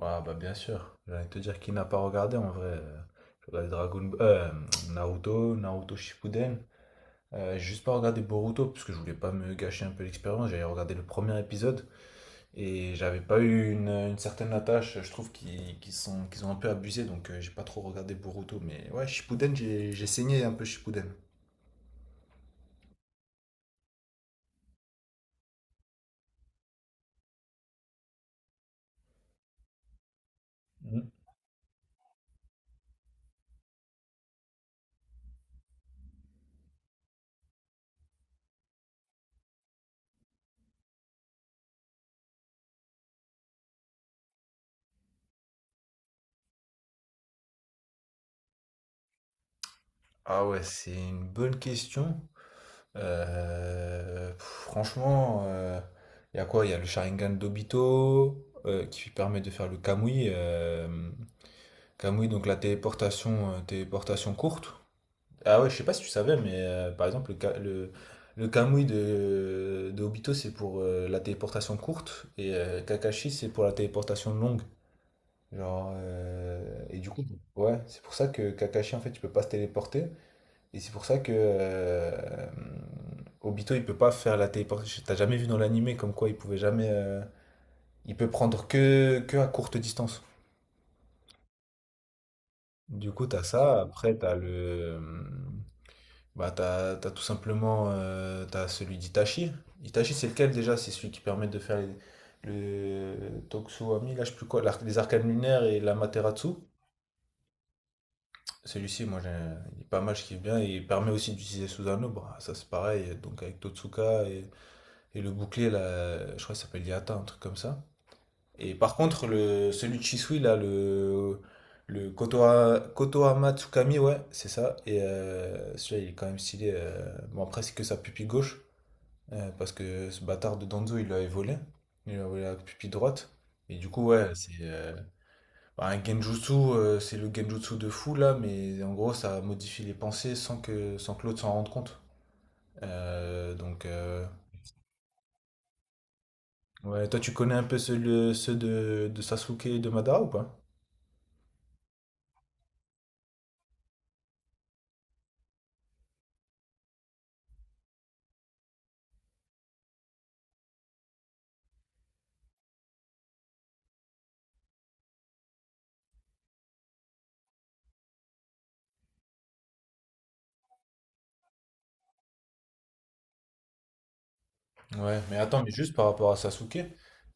Ouais, bah bien sûr. J'allais te dire qui n'a pas regardé en vrai. J'ai regardé Naruto, Naruto Shippuden. J'ai juste pas regardé Boruto parce que je voulais pas me gâcher un peu l'expérience. J'avais regardé le premier épisode et j'avais pas eu une certaine attache. Je trouve qu'ils ont un peu abusé donc j'ai pas trop regardé Boruto. Mais ouais, Shippuden, j'ai saigné un peu Shippuden. Mhm. Ah ouais, c'est une bonne question. Euh, pff, Franchement, il y a quoi? Il y a le Sharingan d'Obito, qui permet de faire le Kamui. Kamui, donc la téléportation, téléportation courte. Ah ouais, je sais pas si tu savais, mais par exemple, le Kamui de Obito, c'est pour la téléportation courte, et Kakashi, c'est pour la téléportation longue. Genre, ouais, c'est pour ça que Kakashi, en fait, il peut pas se téléporter. Et c'est pour ça que, Obito, il peut pas faire la téléportation. T'as jamais vu dans l'animé comme quoi il pouvait jamais. Il peut prendre que à courte distance. Du coup, t'as ça. Après, t'as le. Euh, Bah, t'as tout simplement. T'as celui d'Itachi. Itachi, c'est lequel déjà? C'est celui qui permet de faire le Toksuami, là, je sais plus quoi, les arcanes lunaires et l'Amaterasu. Celui-ci, moi, il est pas mal, je kiffe bien. Et il permet aussi d'utiliser Susanoo. Bah, ça, c'est pareil. Donc, avec Totsuka et. Et le bouclier, là, je crois qu'il s'appelle Yata, un truc comme ça. Et par contre, le, celui de Shisui, là, le Kotoa, Kotohama Tsukami, ouais, c'est ça. Et celui-là, il est quand même stylé. Bon, après, c'est que sa pupille gauche, parce que ce bâtard de Danzo, il l'avait volé. Il lui a volé la pupille droite. Et du coup, ouais, c'est un genjutsu, c'est le genjutsu de fou, là, mais en gros, ça modifie les pensées sans que l'autre s'en rende compte. Euh, donc, euh, Ouais, toi tu connais un peu ceux, ceux de Sasuke et de Madara ou pas? Ouais, mais attends, mais juste par rapport à Sasuke,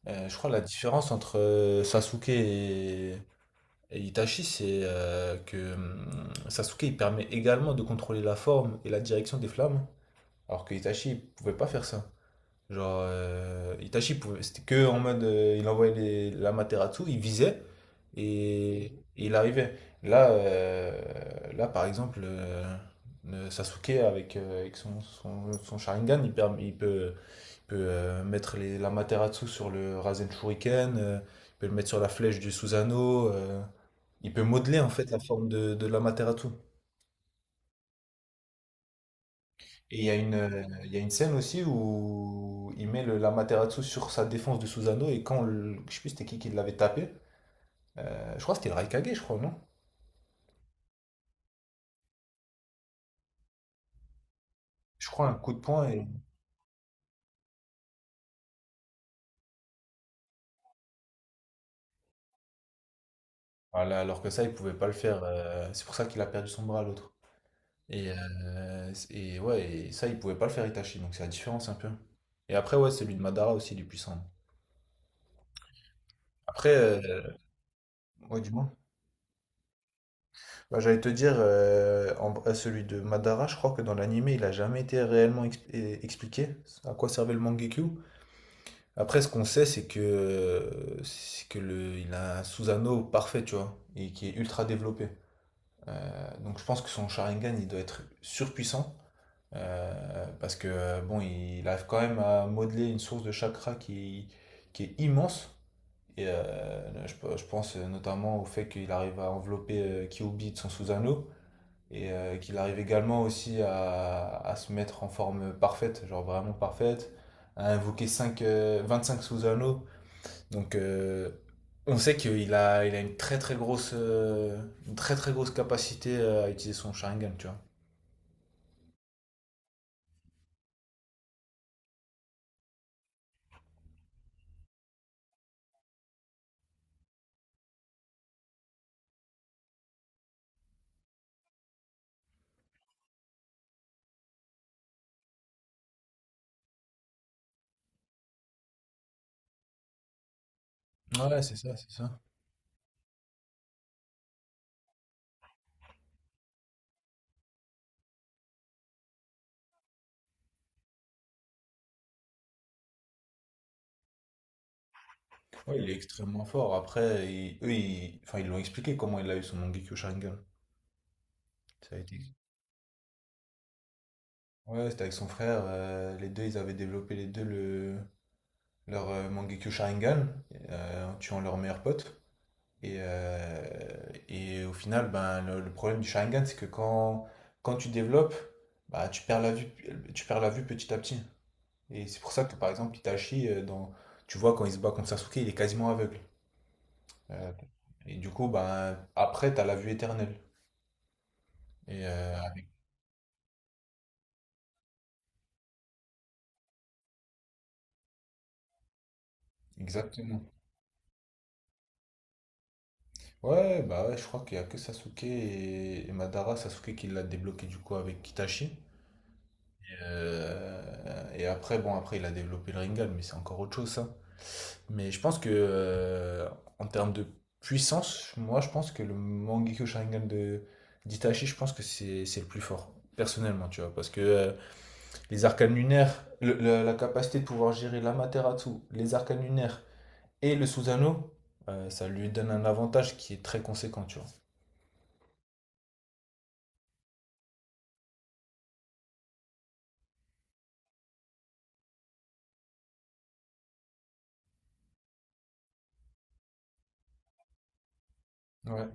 je crois la différence entre, Sasuke et Itachi, c'est que, Sasuke, il permet également de contrôler la forme et la direction des flammes, alors que Itachi, il pouvait pas faire ça. Genre, Itachi pouvait, c'était que en mode, il envoyait l'Amaterasu, il visait, Et et il arrivait. Là par exemple, Sasuke avec son Sharingan, il peut mettre la Materasu sur le Rasen Shuriken, il peut le mettre sur la flèche du Susanoo, il peut modeler en fait la forme de l'Amaterasu. Et il y a une scène aussi où il met l'Amaterasu sur sa défense du Susanoo, et quand, je sais plus c'était qui l'avait tapé, je crois que c'était le Raikage, je crois, non? Je crois un coup de poing et... Voilà, alors que ça, il pouvait pas le faire. C'est pour ça qu'il a perdu son bras, l'autre. Et ouais, et ça, il pouvait pas le faire Itachi, donc c'est la différence un peu. Et après, ouais, celui de Madara aussi, il est puissant. Après, ouais, du moins. Bah, j'allais te dire, celui de Madara, je crois que dans l'anime, il a jamais été réellement expliqué à quoi servait le Mangekyou. Après, ce qu'on sait, c'est que, il a un Susanoo parfait, tu vois, et qui est ultra développé. Donc je pense que son Sharingan, il doit être surpuissant. Parce que, bon, il arrive quand même à modeler une source de chakra qui est immense. Et, je pense notamment au fait qu'il arrive à envelopper Kyuubi de son sous-anneau, et qu'il arrive également aussi à se mettre en forme parfaite, genre vraiment parfaite, à invoquer 25 sous-anneaux. Donc, on sait il a une très très grosse capacité, à utiliser son Sharingan, tu vois. Ouais, c'est ça, c'est ça. Ouais, il est extrêmement fort. Après, enfin, ils l'ont expliqué comment il a eu son Mangekyo Sharingan. Ça a été... Ouais, c'était avec son frère. Les deux, ils avaient développé les deux leur, Mangekyo Sharingan, en tuant leur meilleur pote. Et, euh, et au final, ben, le problème du Sharingan, c'est que quand tu développes, bah, tu perds la vue petit à petit. Et c'est pour ça que, par exemple, Itachi, tu vois, quand il se bat contre Sasuke, il est quasiment aveugle. Euh, et du coup, ben, après, tu as la vue éternelle. Et euh, avec- Exactement. Ouais, bah ouais, je crois qu'il y a que Sasuke et Madara, Sasuke qui l'a débloqué du coup avec Kitachi. Et après, bon, après, il a développé le Rinnegan, mais c'est encore autre chose, ça. Mais je pense que, en termes de puissance, moi, je pense que le Mangekyou Sharingan de d'Itachi, je pense que c'est le plus fort, personnellement, tu vois. Parce que, les arcanes lunaires, la capacité de pouvoir gérer l'Amaterasu, les arcanes lunaires, et le Susano, ça lui donne un avantage qui est très conséquent, tu vois. Ouais,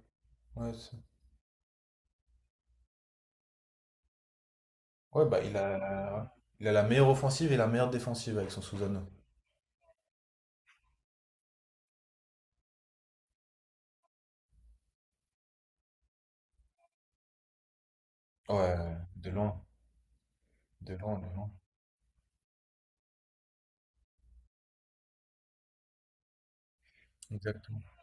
ouais, ouais, bah il a la meilleure offensive et la meilleure défensive avec son Susano. Ouais, de loin, de loin, de loin. Exactement.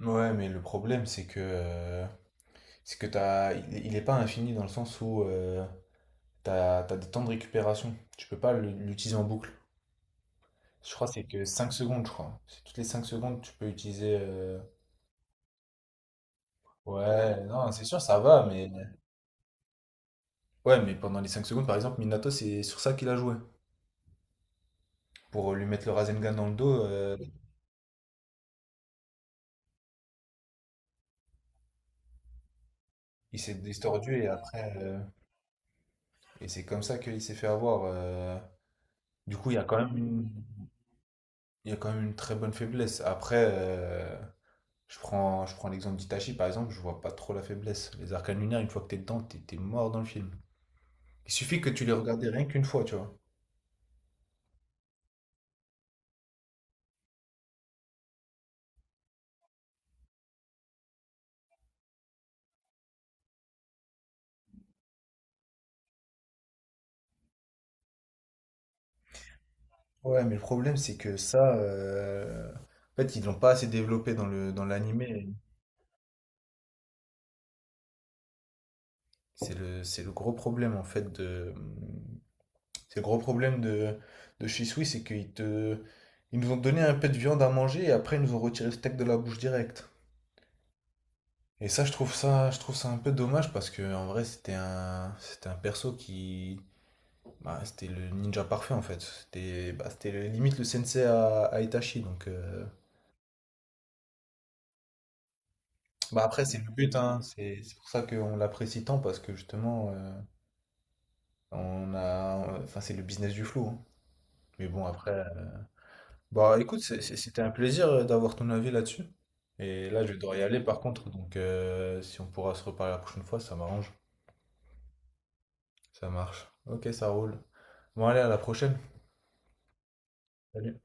Ouais, mais le problème, c'est que, t'as, il est pas infini dans le sens où, t'as des temps de récupération. Tu peux pas l'utiliser en boucle. Je crois que c'est que 5 secondes, je crois. C'est toutes les 5 secondes, tu peux utiliser. Ouais, non, c'est sûr, ça va, mais. Ouais, mais pendant les 5 secondes, par exemple, Minato, c'est sur ça qu'il a joué. Pour, lui mettre le Rasengan dans le dos, il s'est distordu et après. Et c'est comme ça qu'il s'est fait avoir. Du coup, il y a quand même une très bonne faiblesse. Après, je prends l'exemple d'Itachi, par exemple, je vois pas trop la faiblesse. Les arcanes lunaires, une fois que t'es dedans, t'es mort dans le film. Il suffit que tu les regardais rien qu'une fois, tu vois. Ouais, mais le problème, c'est que ça. En fait, ils l'ont pas assez développé dans dans l'animé. C'est le gros problème en fait de. C'est le gros problème de chez Swiss, c'est qu'ils te. Ils nous ont donné un peu de viande à manger, et après ils nous ont retiré le steak de la bouche direct. Et ça, je trouve ça un peu dommage, parce que en vrai c'était un perso qui, c'était le ninja parfait en fait. C'était limite le sensei à Itachi, donc bah après c'est le but, hein, c'est pour ça qu'on l'apprécie tant, parce que justement, on a enfin c'est le business du flou. Hein. Mais bon après, bah écoute, c'était un plaisir, d'avoir ton avis là-dessus. Et là, je vais y aller par contre, donc si on pourra se reparler la prochaine fois, ça m'arrange. Ça marche. Ok, ça roule. Bon, allez, à la prochaine. Salut.